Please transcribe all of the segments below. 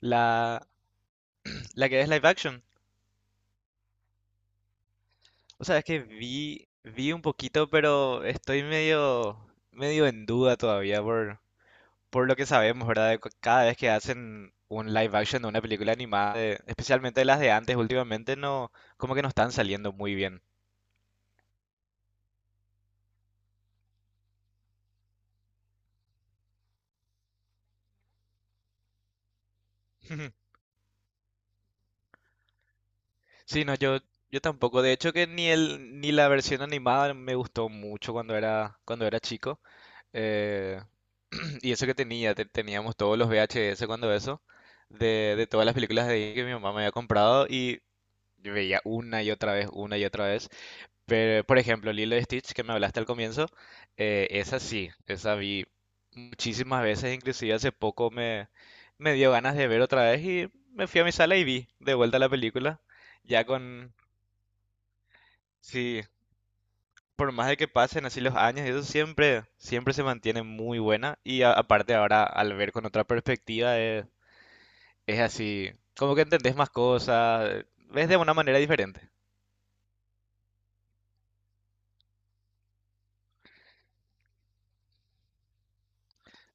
La, la que es live action. O sea, es que vi un poquito, pero estoy medio, medio en duda todavía por lo que sabemos, ¿verdad? Cada vez que hacen un live action de una película animada, de- especialmente las de antes, últimamente no, como que no están saliendo muy bien. Sí, no, yo tampoco. De hecho que ni el, ni la versión animada me gustó mucho cuando era chico. Eh, y eso que teníamos todos los VHS cuando eso, de todas las películas de Disney que mi mamá me había comprado y yo veía una y otra vez, una y otra vez. Pero, por ejemplo, Lilo y Stitch, que me hablaste al comienzo, esa sí, esa vi muchísimas veces, inclusive me dio ganas de ver otra vez y me fui a mi sala y vi de vuelta la película, ya con, sí, por más de que pasen así los años, eso siempre, siempre se mantiene muy buena. Aparte ahora, al ver con otra perspectiva, es así, como que entendés más cosas, ves de una manera diferente.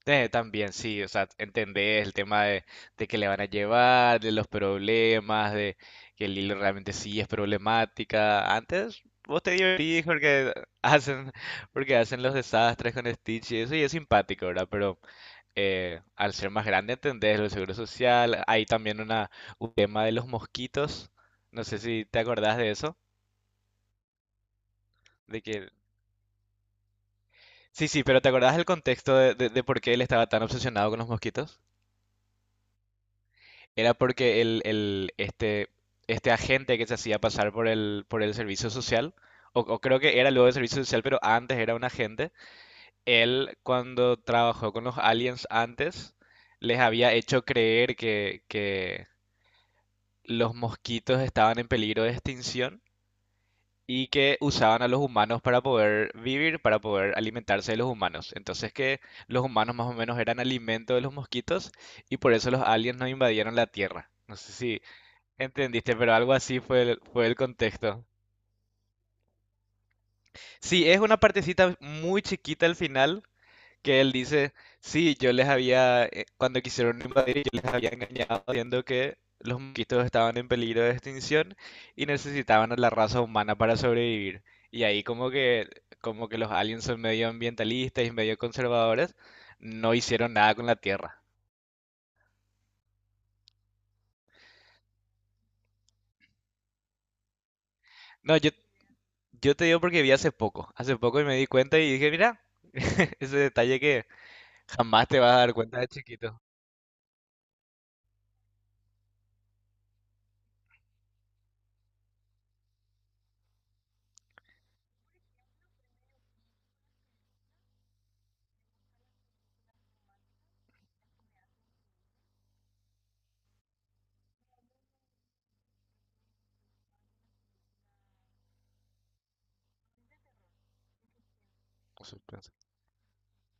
También sí, o sea, entendés el tema de que le van a llevar, de los problemas, de que el hilo realmente sí es problemática. Antes vos te divertís hacen, porque hacen los desastres con Stitch y eso, y es simpático, ¿verdad? Pero al ser más grande, entendés el seguro social. Hay también una, un tema de los mosquitos. No sé si te acordás de eso. De que... Sí, sí, pero ¿te acordás del contexto de por qué él estaba tan obsesionado con los mosquitos? Era porque este, este agente que se hacía pasar por el servicio social, o creo que era luego el servicio social, pero antes era un agente, él cuando trabajó con los aliens antes, les había hecho creer que los mosquitos estaban en peligro de extinción y que usaban a los humanos para poder vivir, para poder alimentarse de los humanos. Entonces que los humanos más o menos eran alimento de los mosquitos y por eso los aliens no invadieron la Tierra. No sé si entendiste, pero algo así fue el contexto. Sí, es una partecita muy chiquita al final, que él dice, sí, yo les había, cuando quisieron invadir, yo les había engañado diciendo que los mosquitos estaban en peligro de extinción y necesitaban a la raza humana para sobrevivir. Y ahí como que los aliens son medio ambientalistas y medio conservadores, no hicieron nada con la Tierra. No, yo te digo porque vi hace poco y me di cuenta y dije, mira, ese detalle que jamás te vas a dar cuenta de chiquito. Suspenso.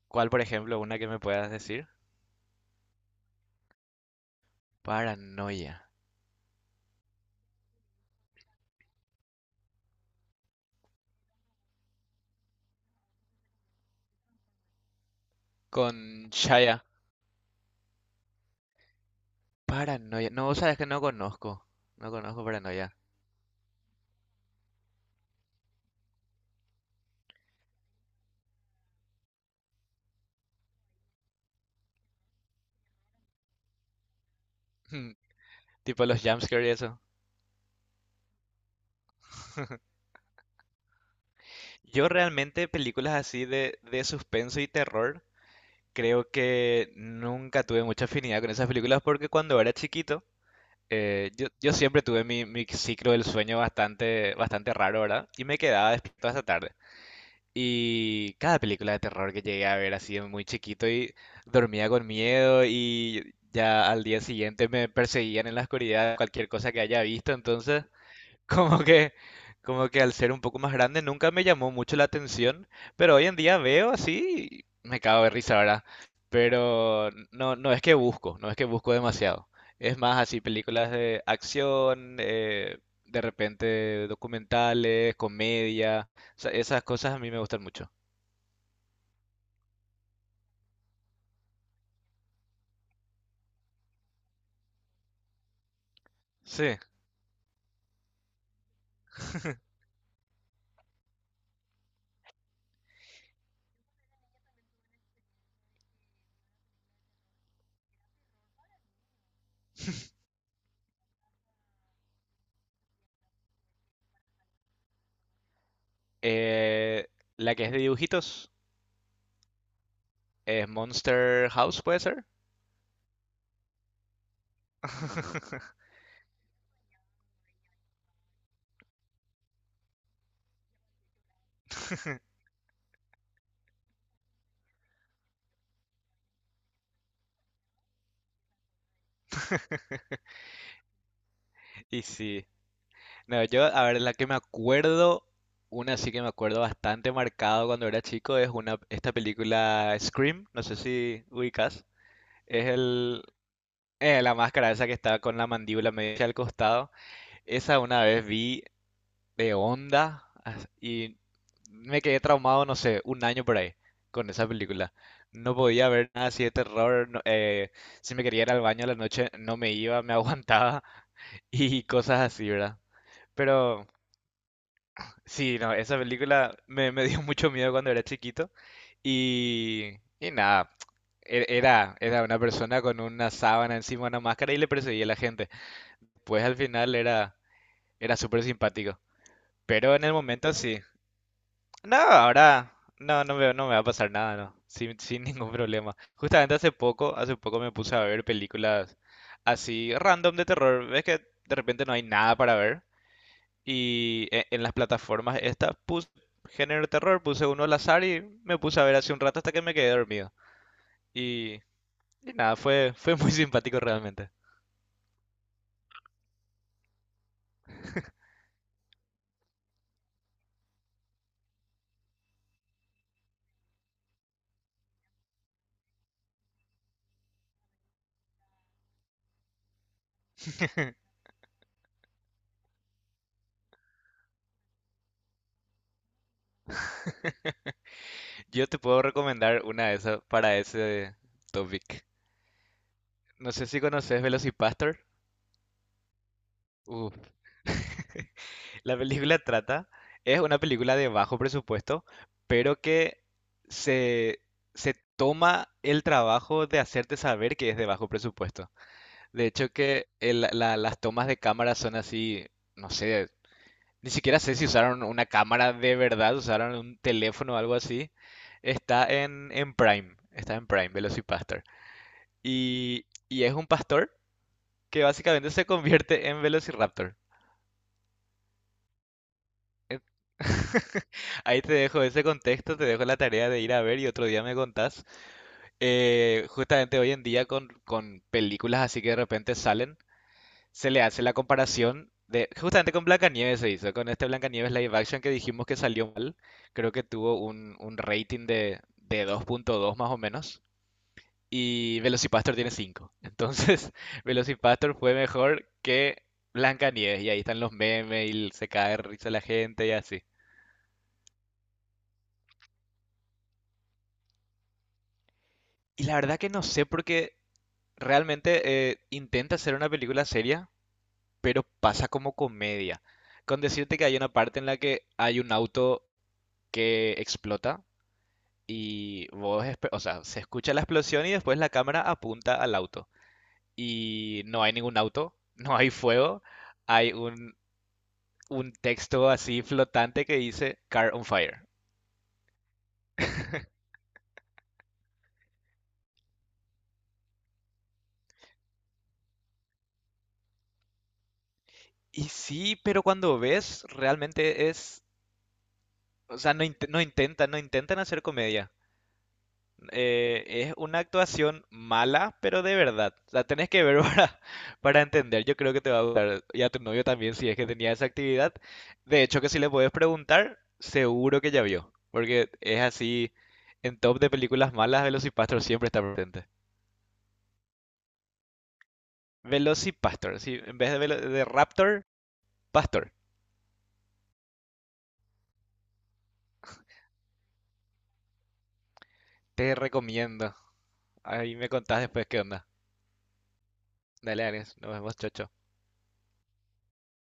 ¿Cuál, por ejemplo, una que me puedas decir? Paranoia. Con Shaya. Paranoia. No, sabes que no conozco. No conozco Paranoia. Tipo los jumpscare y eso. Yo realmente películas así de suspenso y terror, creo que nunca tuve mucha afinidad con esas películas porque cuando era chiquito, yo siempre tuve mi, mi ciclo del sueño bastante, bastante raro, ¿verdad? Y me quedaba despierto hasta tarde. Y cada película de terror que llegué a ver así de muy chiquito y dormía con miedo y ya al día siguiente me perseguían en la oscuridad cualquier cosa que haya visto, entonces como que, como que al ser un poco más grande nunca me llamó mucho la atención, pero hoy en día veo así y me cago de risa, ¿verdad? Pero no, no es que busco demasiado. Es más así películas de acción, de repente documentales, comedia, o sea, esas cosas a mí me gustan mucho. Sí. Eh, la que es de dibujitos, es Monster House, ¿puede ser? Y sí. No, yo, a ver, la que me acuerdo, una sí que me acuerdo bastante marcado cuando era chico, es una, esta película Scream, no sé si ubicas, es el, la máscara esa que está con la mandíbula media al costado, esa una vez vi de onda as- y me quedé traumado, no sé, un año por ahí con esa película. No podía ver nada así de terror, si me quería ir al baño a la noche no me iba, me aguantaba y cosas así, ¿verdad? Pero... Sí, no, esa película me dio mucho miedo cuando era chiquito y nada, era una persona con una sábana encima, una máscara y le perseguía a la gente. Pues al final era, era súper simpático, pero en el momento sí. No, ahora no, no me va a pasar nada, no, sin, sin ningún problema. Justamente hace poco me puse a ver películas así random de terror. Ves que de repente no hay nada para ver y en las plataformas estas puse género de terror, puse uno al azar y me puse a ver hace un rato hasta que me quedé dormido. Y, y nada, fue, fue muy simpático realmente. Yo te puedo recomendar una de esas para ese topic. No sé si conoces Velocipastor. Uf, la película trata, es una película de bajo presupuesto, pero que se, se toma el trabajo de hacerte saber que es de bajo presupuesto. De hecho que las tomas de cámara son así, no sé, ni siquiera sé si usaron una cámara de verdad, usaron un teléfono o algo así. Está en Prime, está en Prime, Velocipastor. Y es un pastor que básicamente se convierte en Velociraptor. Ahí te dejo ese contexto, te dejo la tarea de ir a ver y otro día me contás. Justamente hoy en día con películas así que de repente salen, se le hace la comparación de, justamente con Blancanieves se hizo, con este Blancanieves live action que dijimos que salió mal, creo que tuvo un rating de 2.2 más o menos, y Velocipastor tiene 5. Entonces, Velocipastor fue mejor que Blancanieves, y ahí están los memes, y se cae de risa la gente y así. Y la verdad que no sé porque realmente intenta hacer una película seria, pero pasa como comedia. Con decirte que hay una parte en la que hay un auto que explota. Y vos, espe- o sea, se escucha la explosión y después la cámara apunta al auto. Y no hay ningún auto, no hay fuego, hay un texto así flotante que dice Car on Fire. Y sí, pero cuando ves, realmente es, o sea, no, no intentan, no intentan hacer comedia. Eh, es una actuación mala, pero de verdad. La tenés que ver para entender. Yo creo que te va a gustar. Y a tu novio también, si es que tenía esa actividad. De hecho, que si le puedes preguntar, seguro que ya vio. Porque es así, en top de películas malas, Velocipastor siempre está presente. Velocipastor, sí, en vez de, velo- de Raptor, Pastor. Te recomiendo. Ahí me contás después qué onda. Dale, Ares, nos vemos, chocho.